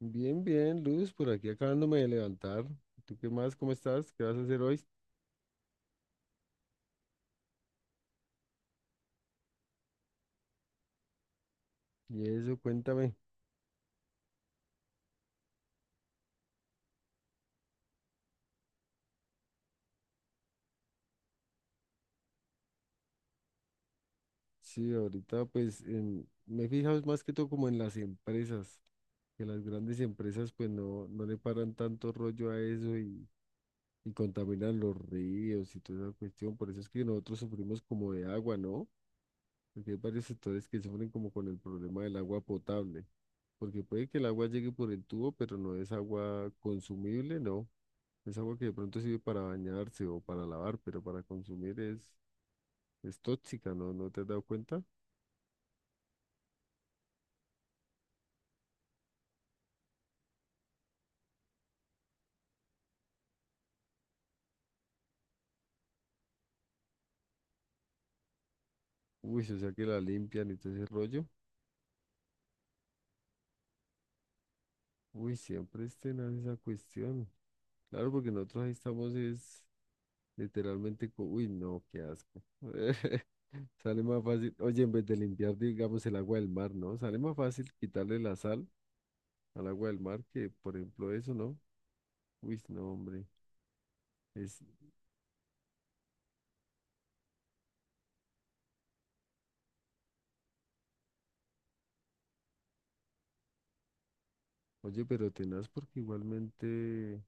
Bien, bien, Luz, por aquí acabándome de levantar. ¿Tú qué más? ¿Cómo estás? ¿Qué vas a hacer hoy? Y eso, cuéntame. Sí, ahorita pues me he fijado más que todo como en las empresas, que las grandes empresas pues no, no le paran tanto rollo a eso y contaminan los ríos y toda esa cuestión. Por eso es que nosotros sufrimos como de agua, ¿no? Porque hay varios sectores que sufren como con el problema del agua potable, porque puede que el agua llegue por el tubo, pero no es agua consumible, ¿no? Es agua que de pronto sirve para bañarse o para lavar, pero para consumir es tóxica, ¿no? ¿No te has dado cuenta? Uy, o sea que la limpian y todo ese rollo. Uy, siempre es tenaz esa cuestión. Claro, porque nosotros ahí estamos es literalmente, uy, no, qué asco. Sale más fácil, oye, en vez de limpiar, digamos, el agua del mar, ¿no? Sale más fácil quitarle la sal al agua del mar que, por ejemplo, eso, ¿no? Uy, no, hombre. Es, oye, pero tenaz porque igualmente...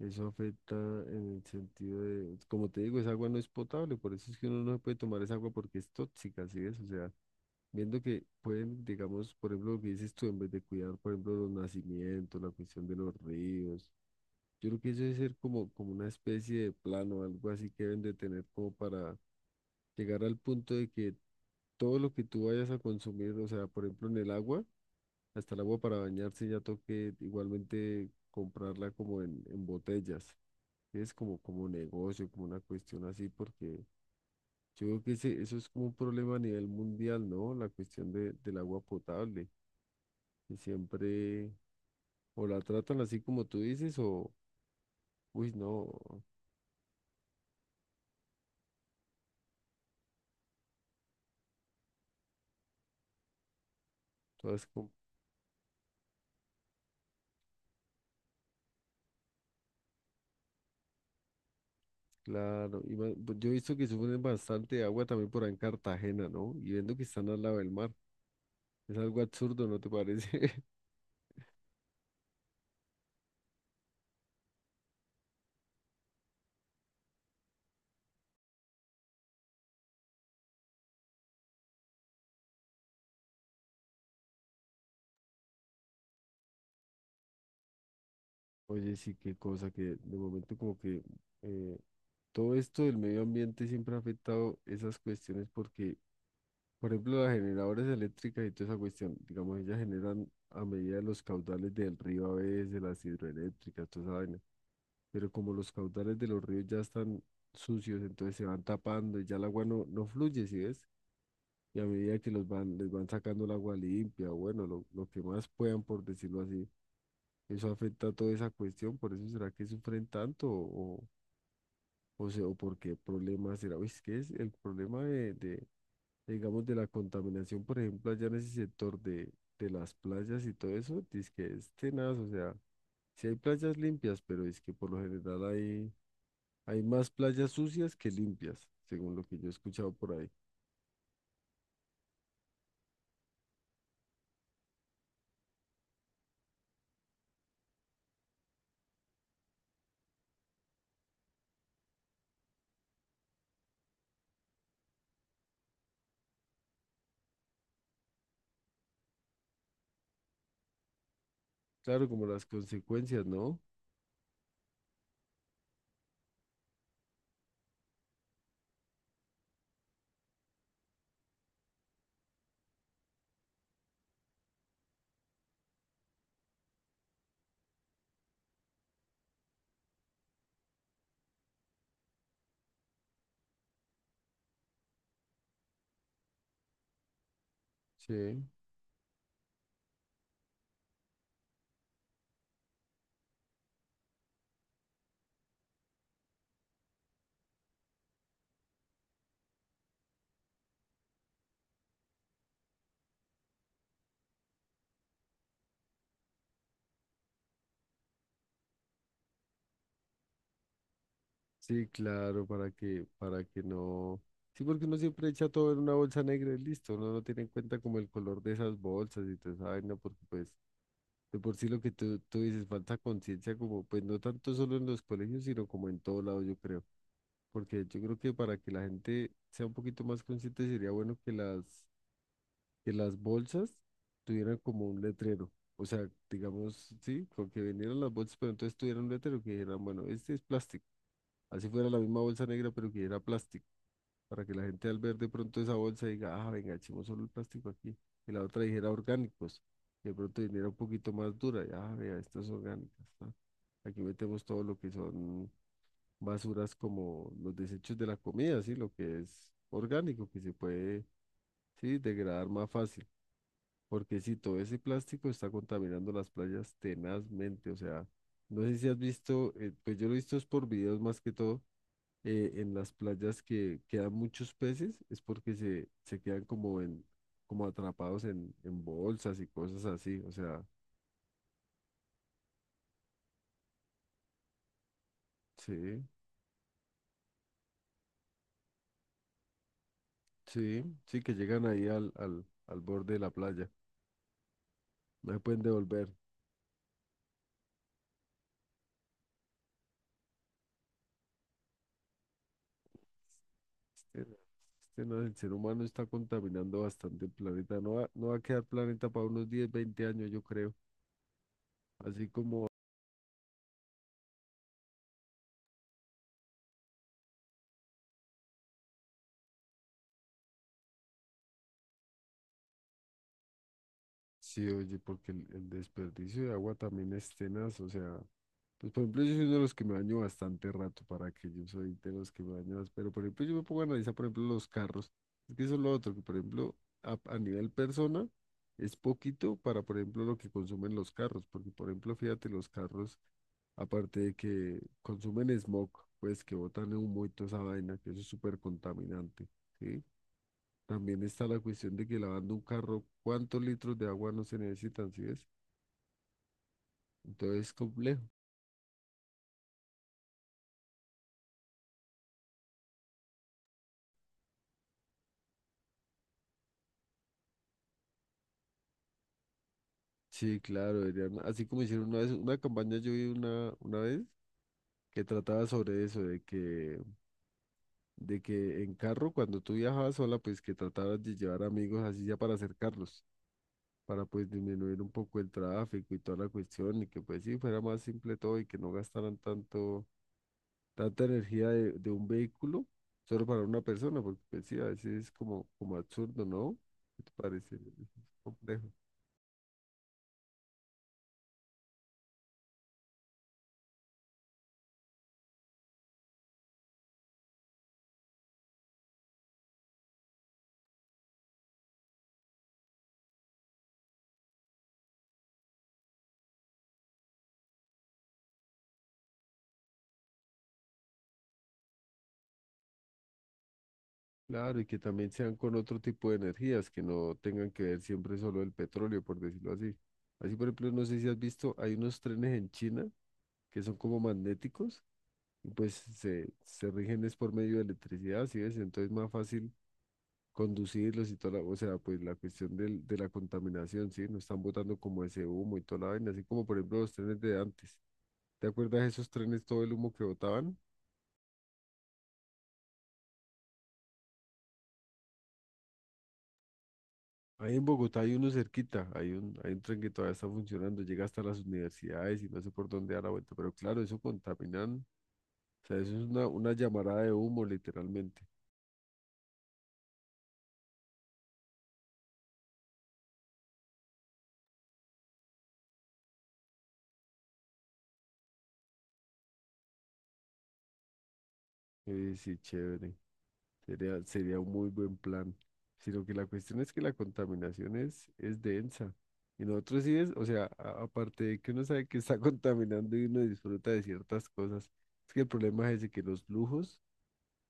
Eso afecta en el sentido de, como te digo, esa agua no es potable, por eso es que uno no puede tomar esa agua porque es tóxica, ¿sí ves? O sea, viendo que pueden, digamos, por ejemplo, lo que dices tú, en vez de cuidar, por ejemplo, los nacimientos, la cuestión de los ríos, yo creo que eso debe ser como, como una especie de plano, algo así que deben de tener como para llegar al punto de que todo lo que tú vayas a consumir, o sea, por ejemplo, en el agua, hasta el agua para bañarse ya toque igualmente comprarla como en botellas. Es como, como negocio, como una cuestión así, porque yo creo que eso es como un problema a nivel mundial, ¿no? La cuestión del agua potable, que siempre o la tratan así como tú dices, o, uy, no, todas como, claro. Y pues yo he visto que sufren bastante de agua también por ahí en Cartagena, ¿no? Y viendo que están al lado del mar. Es algo absurdo, ¿no te parece? Oye, sí, qué cosa que de momento como que eh, todo esto del medio ambiente siempre ha afectado esas cuestiones porque por ejemplo, las generadoras eléctricas y toda esa cuestión, digamos, ellas generan a medida de los caudales del río a veces, de las hidroeléctricas, toda esa vaina. Pero como los caudales de los ríos ya están sucios, entonces se van tapando y ya el agua no, no fluye, ¿sí ves? Y a medida que los van, les van sacando el agua limpia, o bueno, lo que más puedan, por decirlo así, eso afecta a toda esa cuestión, por eso será que sufren tanto o sea, o por qué problema será. Uy, es que es el problema digamos, de la contaminación, por ejemplo, allá en ese sector de las playas y todo eso, dice que es tenaz, o sea, si hay playas limpias, pero es que por lo general hay, hay más playas sucias que limpias, según lo que yo he escuchado por ahí. Claro, como las consecuencias, ¿no? Sí, sí, claro, para que no. Sí, porque uno siempre echa todo en una bolsa negra y listo, uno no tiene en cuenta como el color de esas bolsas y toda esa vaina, porque pues de por sí lo que tú dices, falta conciencia como, pues no tanto solo en los colegios, sino como en todo lado, yo creo. Porque yo creo que para que la gente sea un poquito más consciente sería bueno que que las bolsas tuvieran como un letrero. O sea, digamos, sí, con que vendieran las bolsas, pero entonces tuvieran un letrero que dijeran, bueno, este es plástico. Así fuera la misma bolsa negra, pero que era plástico para que la gente al ver de pronto esa bolsa diga, ah, venga, echemos solo el plástico aquí. Y la otra dijera orgánicos, y de pronto viniera un poquito más dura, y, ah, vea, estas orgánicas, ¿no? Aquí metemos todo lo que son basuras como los desechos de la comida, ¿sí? Lo que es orgánico, que se puede, sí, degradar más fácil. Porque si todo ese plástico está contaminando las playas tenazmente, o sea, no sé si has visto, pues yo lo he visto es por videos más que todo, en las playas que quedan muchos peces es porque se quedan como en, como atrapados en bolsas y cosas así. O sea, sí, sí, sí, que llegan ahí al borde de la playa. No se pueden devolver. Este- el ser humano está contaminando bastante el planeta. No va a quedar planeta para unos 10 20 años, yo creo. Así como, sí, oye, porque el desperdicio de agua también es tenaz, o sea. Pues por ejemplo, yo soy uno de los que me baño bastante rato, para que yo soy de los que me baño más, pero por ejemplo yo me pongo a analizar, por ejemplo, los carros. Es que eso es lo otro, que por ejemplo, a nivel persona, es poquito para, por ejemplo, lo que consumen los carros, porque por ejemplo, fíjate, los carros, aparte de que consumen smog, pues que botan humo y toda esa vaina, que eso es súper contaminante, ¿sí? También está la cuestión de que lavando un carro, ¿cuántos litros de agua no se necesitan, sí ves? Entonces es complejo. Sí, claro, así como hicieron una vez, una campaña yo vi una vez que trataba sobre eso, de que en carro, cuando tú viajabas sola, pues que trataras de llevar amigos así ya para acercarlos, para pues disminuir un poco el tráfico y toda la cuestión, y que pues sí, fuera más simple todo y que no gastaran tanto, tanta energía de un vehículo solo para una persona, porque pues sí, a veces es como, como absurdo, ¿no? ¿Qué te parece? Es complejo. Claro, y que también sean con otro tipo de energías, que no tengan que ver siempre solo el petróleo, por decirlo así. Así, por ejemplo, no sé si has visto, hay unos trenes en China que son como magnéticos y pues se rigen es por medio de electricidad, ¿sí ves? Entonces más fácil conducirlos y toda la, o sea, pues la cuestión de la contaminación, ¿sí? No están botando como ese humo y toda la vaina, así como por ejemplo los trenes de antes. ¿Te acuerdas de esos trenes, todo el humo que botaban? Ahí en Bogotá hay uno cerquita, hay un tren que todavía está funcionando, llega hasta las universidades y no sé por dónde da la vuelta, pero claro, eso contaminan, o sea, eso es una llamarada de humo literalmente. Sí, chévere, sería un muy buen plan, sino que la cuestión es que la contaminación es densa. Y nosotros sí es, o sea, aparte de que uno sabe que está contaminando y uno disfruta de ciertas cosas, es que el problema es ese, que los lujos.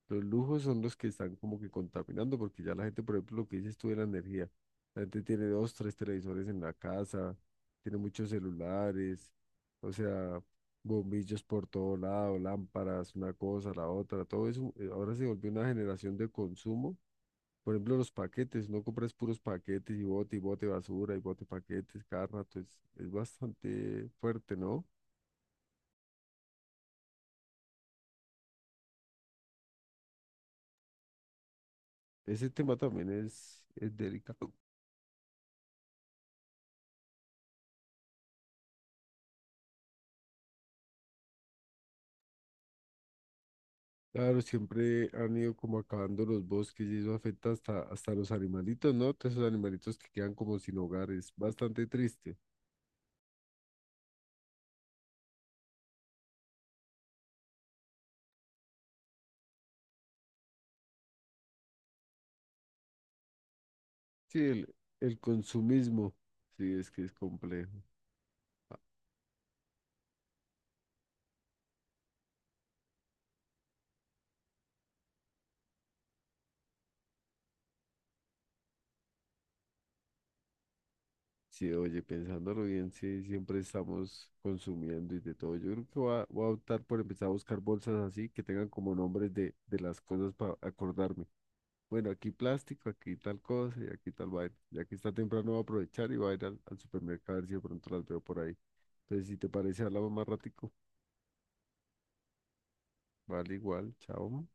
Los lujos son los que están como que contaminando, porque ya la gente, por ejemplo, lo que dices tú de la energía, la gente tiene dos, tres televisores en la casa, tiene muchos celulares, o sea, bombillos por todo lado, lámparas, una cosa, la otra, todo eso. Ahora se volvió una generación de consumo. Por ejemplo, los paquetes, no compras puros paquetes y bote basura y bote paquetes, cada rato, es bastante fuerte, ¿no? Ese tema también es delicado. Claro, siempre han ido como acabando los bosques y eso afecta hasta, hasta los animalitos, ¿no? Todos esos animalitos que quedan como sin hogar, es bastante triste. Sí, el consumismo, sí, es que es complejo. Sí, oye, pensándolo bien, sí, siempre estamos consumiendo y de todo. Yo creo que voy a optar por empezar a buscar bolsas así que tengan como nombres de las cosas para acordarme. Bueno, aquí plástico, aquí tal cosa y aquí tal vaina. Ya que está temprano voy a aprovechar y voy a ir al supermercado a ver si de pronto las veo por ahí. Entonces, si te parece, hablamos más ratico. Vale, igual. Chao.